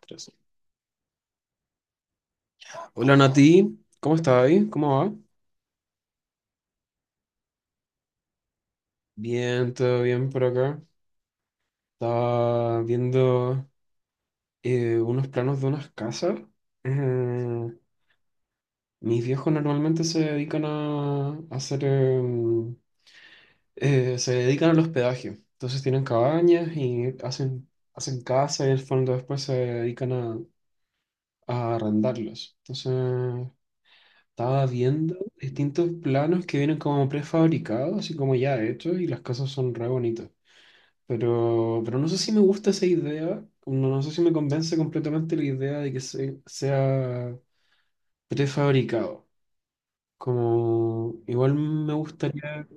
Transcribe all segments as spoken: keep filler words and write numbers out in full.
Tres. Hola Nati, ¿cómo estás ahí? ¿Cómo va? Bien, todo bien por acá. Estaba viendo eh, unos planos de unas casas. Eh, mis viejos normalmente se dedican a, a hacer, em, eh, se dedican al hospedaje. Entonces tienen cabañas y hacen, hacen casas y en fondo después se dedican a, a arrendarlos. Entonces estaba viendo distintos planos que vienen como prefabricados, así como ya hechos, y las casas son re bonitas. Pero, pero no sé si me gusta esa idea, no, no sé si me convence completamente la idea de que se- sea prefabricado. Como igual me gustaría,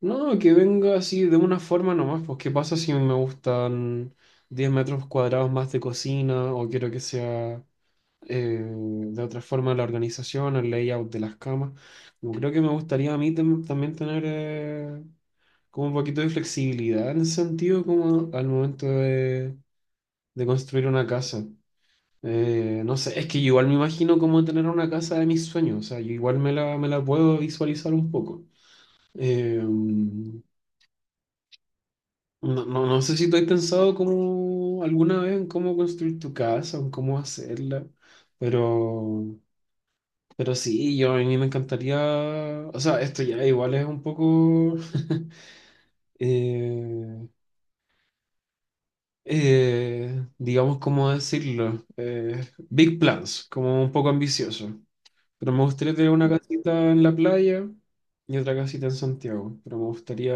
no, que venga así de una forma nomás, pues qué pasa si me gustan diez metros cuadrados más de cocina o quiero que sea eh, de otra forma la organización, el layout de las camas. Como creo que me gustaría a mí tam- también tener eh, como un poquito de flexibilidad en ese sentido, como al momento de construir una casa. Eh, no sé, es que igual me imagino como tener una casa de mis sueños, o sea, yo igual me la, me la puedo visualizar un poco. Eh, no, no, no sé si tú has pensado como alguna vez en cómo construir tu casa, en cómo hacerla, pero, pero sí, yo a mí me encantaría, o sea, esto ya igual es un poco, eh, eh, digamos, ¿cómo decirlo? Eh, big plans, como un poco ambicioso. Pero me gustaría tener una casita en la playa y otra casita en Santiago. Pero me gustaría,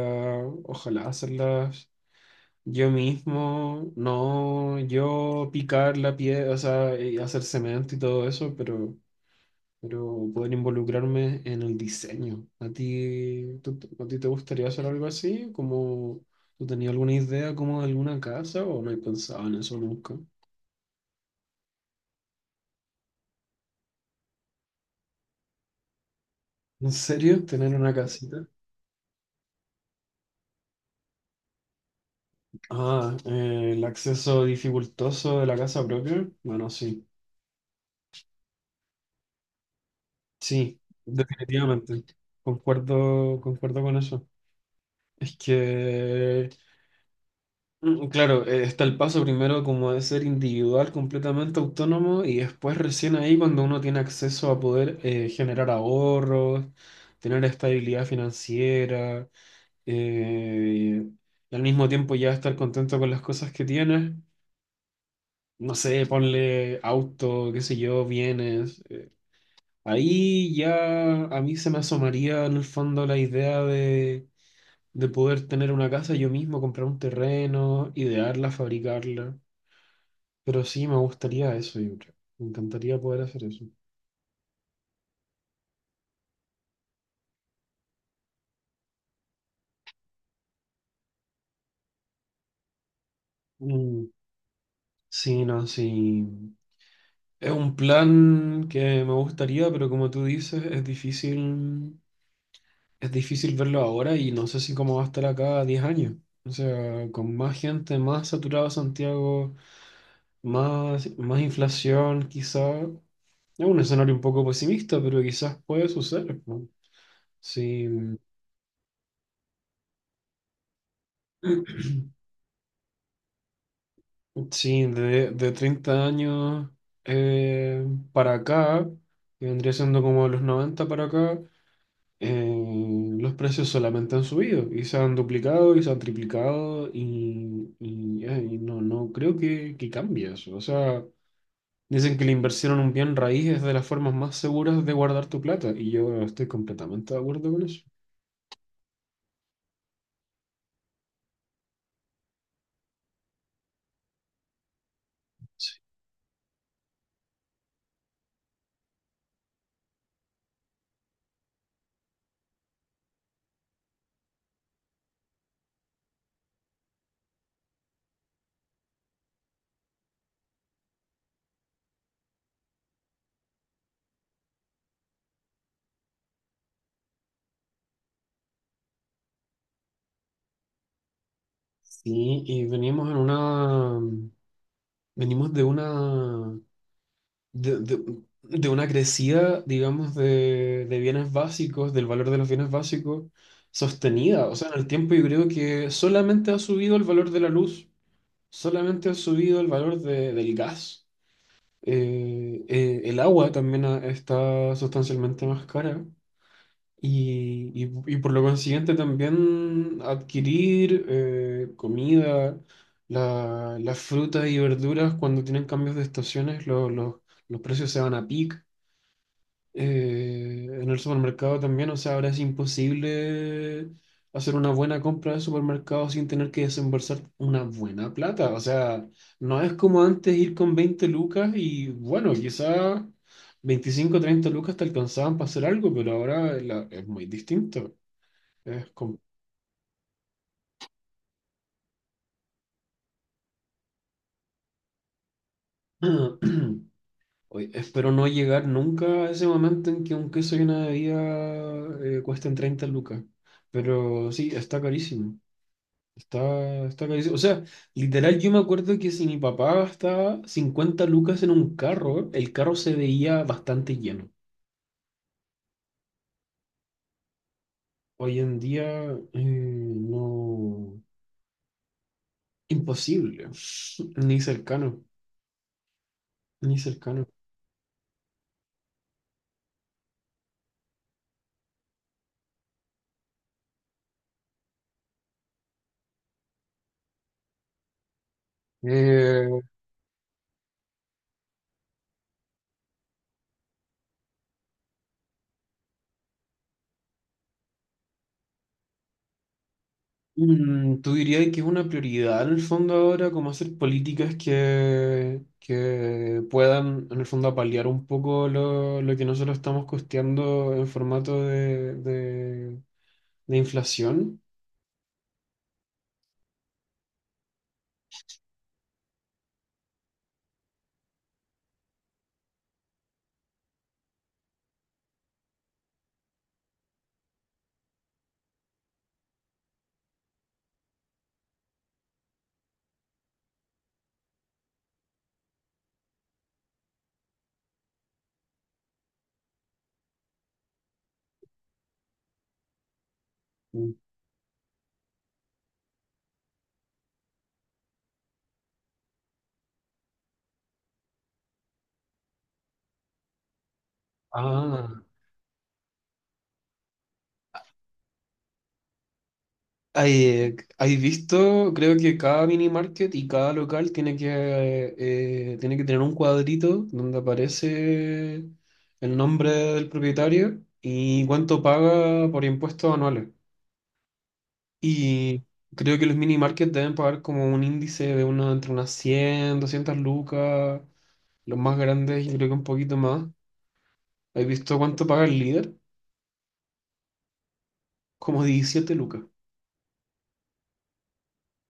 ojalá, hacerlas yo mismo. No yo picar la piedra, o sea, y hacer cemento y todo eso, pero, pero poder involucrarme en el diseño. ¿A ti, tú- a ti te gustaría hacer algo así? ¿Como tú tenías alguna idea como de alguna casa o no has pensado en eso nunca? ¿En serio? ¿Tener una casita? Ah, eh, el acceso dificultoso de la casa propia. Bueno, sí, sí, definitivamente. Concuerdo, concuerdo con eso. Es que, mm, claro, eh, está el paso primero como de ser individual, completamente autónomo, y después recién ahí cuando uno tiene acceso a poder eh, generar ahorros, tener estabilidad financiera, eh, y al mismo tiempo ya estar contento con las cosas que tienes. No sé, ponle auto, qué sé yo, bienes. eh, ahí ya a mí se me asomaría en el fondo la idea de, de poder tener una casa yo mismo, comprar un terreno, idearla, fabricarla. Pero sí, me gustaría eso, yo creo. Me encantaría poder hacer eso. Mm, sí, no, sí. Es un plan que me gustaría, pero como tú dices, es difícil es difícil verlo ahora y no sé si cómo va a estar acá a diez años. O sea, con más gente, más saturado Santiago, más, más inflación, quizás. Es un escenario un poco pesimista, pero quizás puede suceder. ¿No? Sí, sí, de, de treinta años eh, para acá, que vendría siendo como de los noventa para acá, eh, los precios solamente han subido y se han duplicado y se han triplicado y, y, eh, y no, no creo que, que cambie eso. O sea, dicen que la inversión en un bien raíz es de las formas más seguras de guardar tu plata y yo estoy completamente de acuerdo con eso. Sí, y venimos en una, venimos de una de, de- de una crecida, digamos, de, de bienes básicos, del valor de los bienes básicos, sostenida. O sea, en el tiempo yo creo que solamente ha subido el valor de la luz, solamente ha subido el valor de- del gas. Eh, eh, el agua también ha- está sustancialmente más cara. Y, y- y por lo consiguiente también adquirir eh, comida, la- las frutas y verduras cuando tienen cambios de estaciones, lo- los los precios se van a pic. Eh, en el supermercado también, o sea, ahora es imposible hacer una buena compra de supermercado sin tener que desembolsar una buena plata. O sea, no es como antes ir con veinte lucas y bueno, quizá veinticinco o treinta lucas te alcanzaban para hacer algo, pero ahora la- es muy distinto. Es como- Oye, espero no llegar nunca a ese momento en que un queso y una bebida eh, cuesten treinta lucas. Pero sí, está carísimo. Está, está carísimo. O sea, literal, yo me acuerdo que si mi papá gastaba cincuenta lucas en un carro, el carro se veía bastante lleno. Hoy en día, eh, no. Imposible. Ni cercano. Ni cercano. Eh, mm, ¿tú dirías que es una prioridad en el fondo ahora, como hacer políticas que, que puedan, en el fondo, paliar un poco lo, lo que nosotros estamos costeando en formato de, de de inflación? Ah, hay, hay visto, creo que cada mini market y cada local tiene que, eh, tiene que tener un cuadrito donde aparece el nombre del propietario y cuánto paga por impuestos anuales. Y creo que los mini markets deben pagar como un índice de uno entre unas cien, doscientas lucas, los más grandes yo creo que un poquito más. ¿Has visto cuánto paga el líder? Como diecisiete lucas.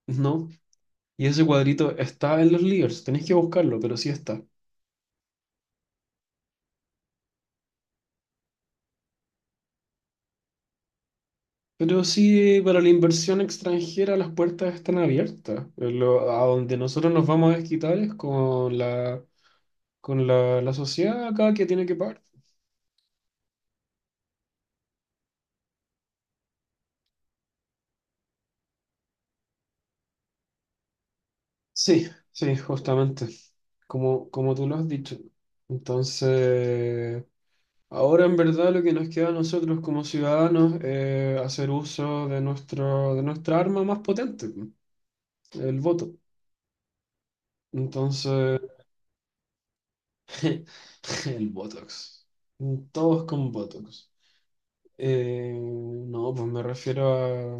No, y ese cuadrito está en los Leaders, tenéis que buscarlo, pero sí está. Pero sí, eh, para la inversión extranjera las puertas están abiertas. Eh, lo- a donde nosotros nos vamos a desquitar es con la, con la, la sociedad acá que tiene que pagar. Sí, sí, justamente, como, como tú lo has dicho. Entonces, ahora en verdad lo que nos queda a nosotros como ciudadanos es hacer uso de nuestro, de nuestra arma más potente, el voto. Entonces, el Botox. Todos con Botox. Eh, no, pues me refiero a,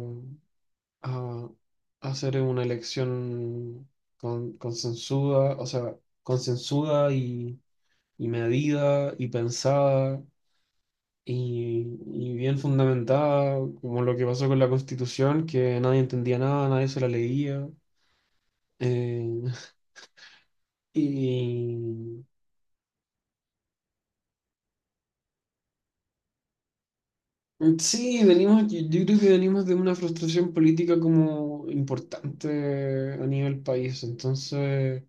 a hacer una elección con, consensuada, o sea, consensuada y, y medida y pensada y, y bien fundamentada, como lo que pasó con la Constitución, que nadie entendía nada, nadie se la leía. Eh, y Mm, sí, venimos, yo yo creo que venimos de una frustración política como importante a nivel país, entonces,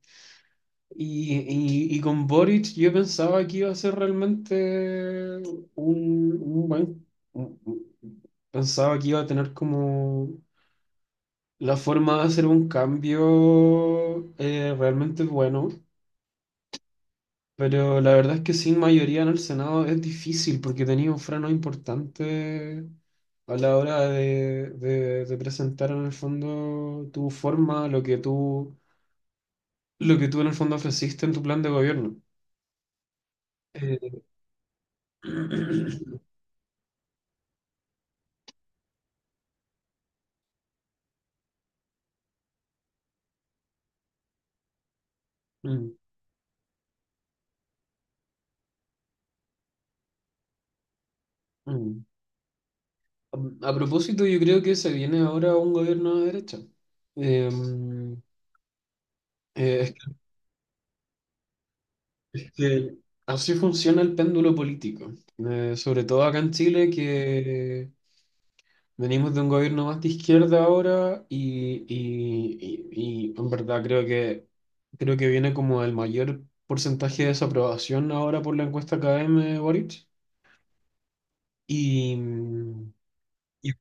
y, y- y con Boric yo pensaba que iba a ser realmente un, un buen, un- un- pensaba que iba a tener como la forma de hacer un cambio eh, realmente bueno. Pero la verdad es que sin mayoría en el Senado es difícil porque tenía un freno importante a la hora de, de- de presentar en el fondo tu forma, lo que tú, lo que tú en el fondo ofreciste en tu plan de gobierno. Eh, mm, mm. A a propósito, yo creo que se viene ahora un gobierno de derecha. Eh, mm, eh, es que que así funciona el péndulo político. Eh, sobre todo acá en Chile, que venimos de un gobierno más de izquierda ahora y, y- y- y en verdad creo que, creo que viene como el mayor porcentaje de desaprobación ahora por la encuesta K M Boric. Y, y-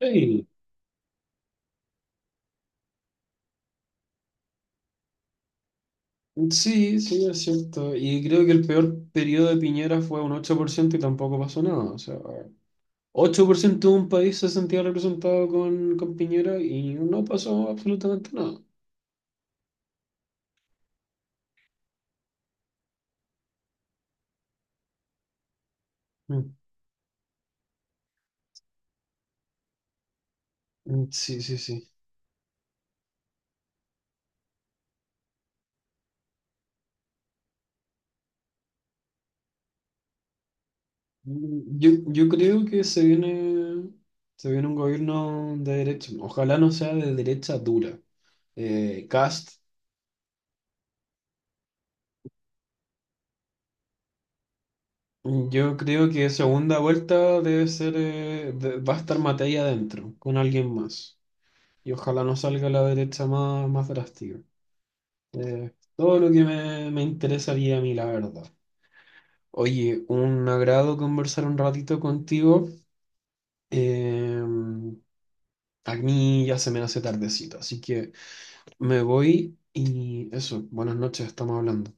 sí, sí, sí, es cierto. Y creo que el peor periodo de Piñera fue un ocho por ciento y tampoco pasó nada. O sea, ocho por ciento de un país se sentía representado con, con Piñera y no pasó absolutamente nada. Mm, mm, Sí, sí, sí. Mm, Yo, yo creo que se viene, se viene un gobierno de derecha. Ojalá no sea de derecha dura. Eh, Kast, yo creo que segunda vuelta debe ser, eh, de- va a estar Matei adentro, con alguien más. Y ojalá no salga la derecha más, más drástica. Eh, todo lo que me, me interesaría a mí, la verdad. Oye, un agrado conversar un ratito contigo. Eh, a mí ya se me hace tardecito, así que... Me voy y eso, buenas noches, estamos hablando.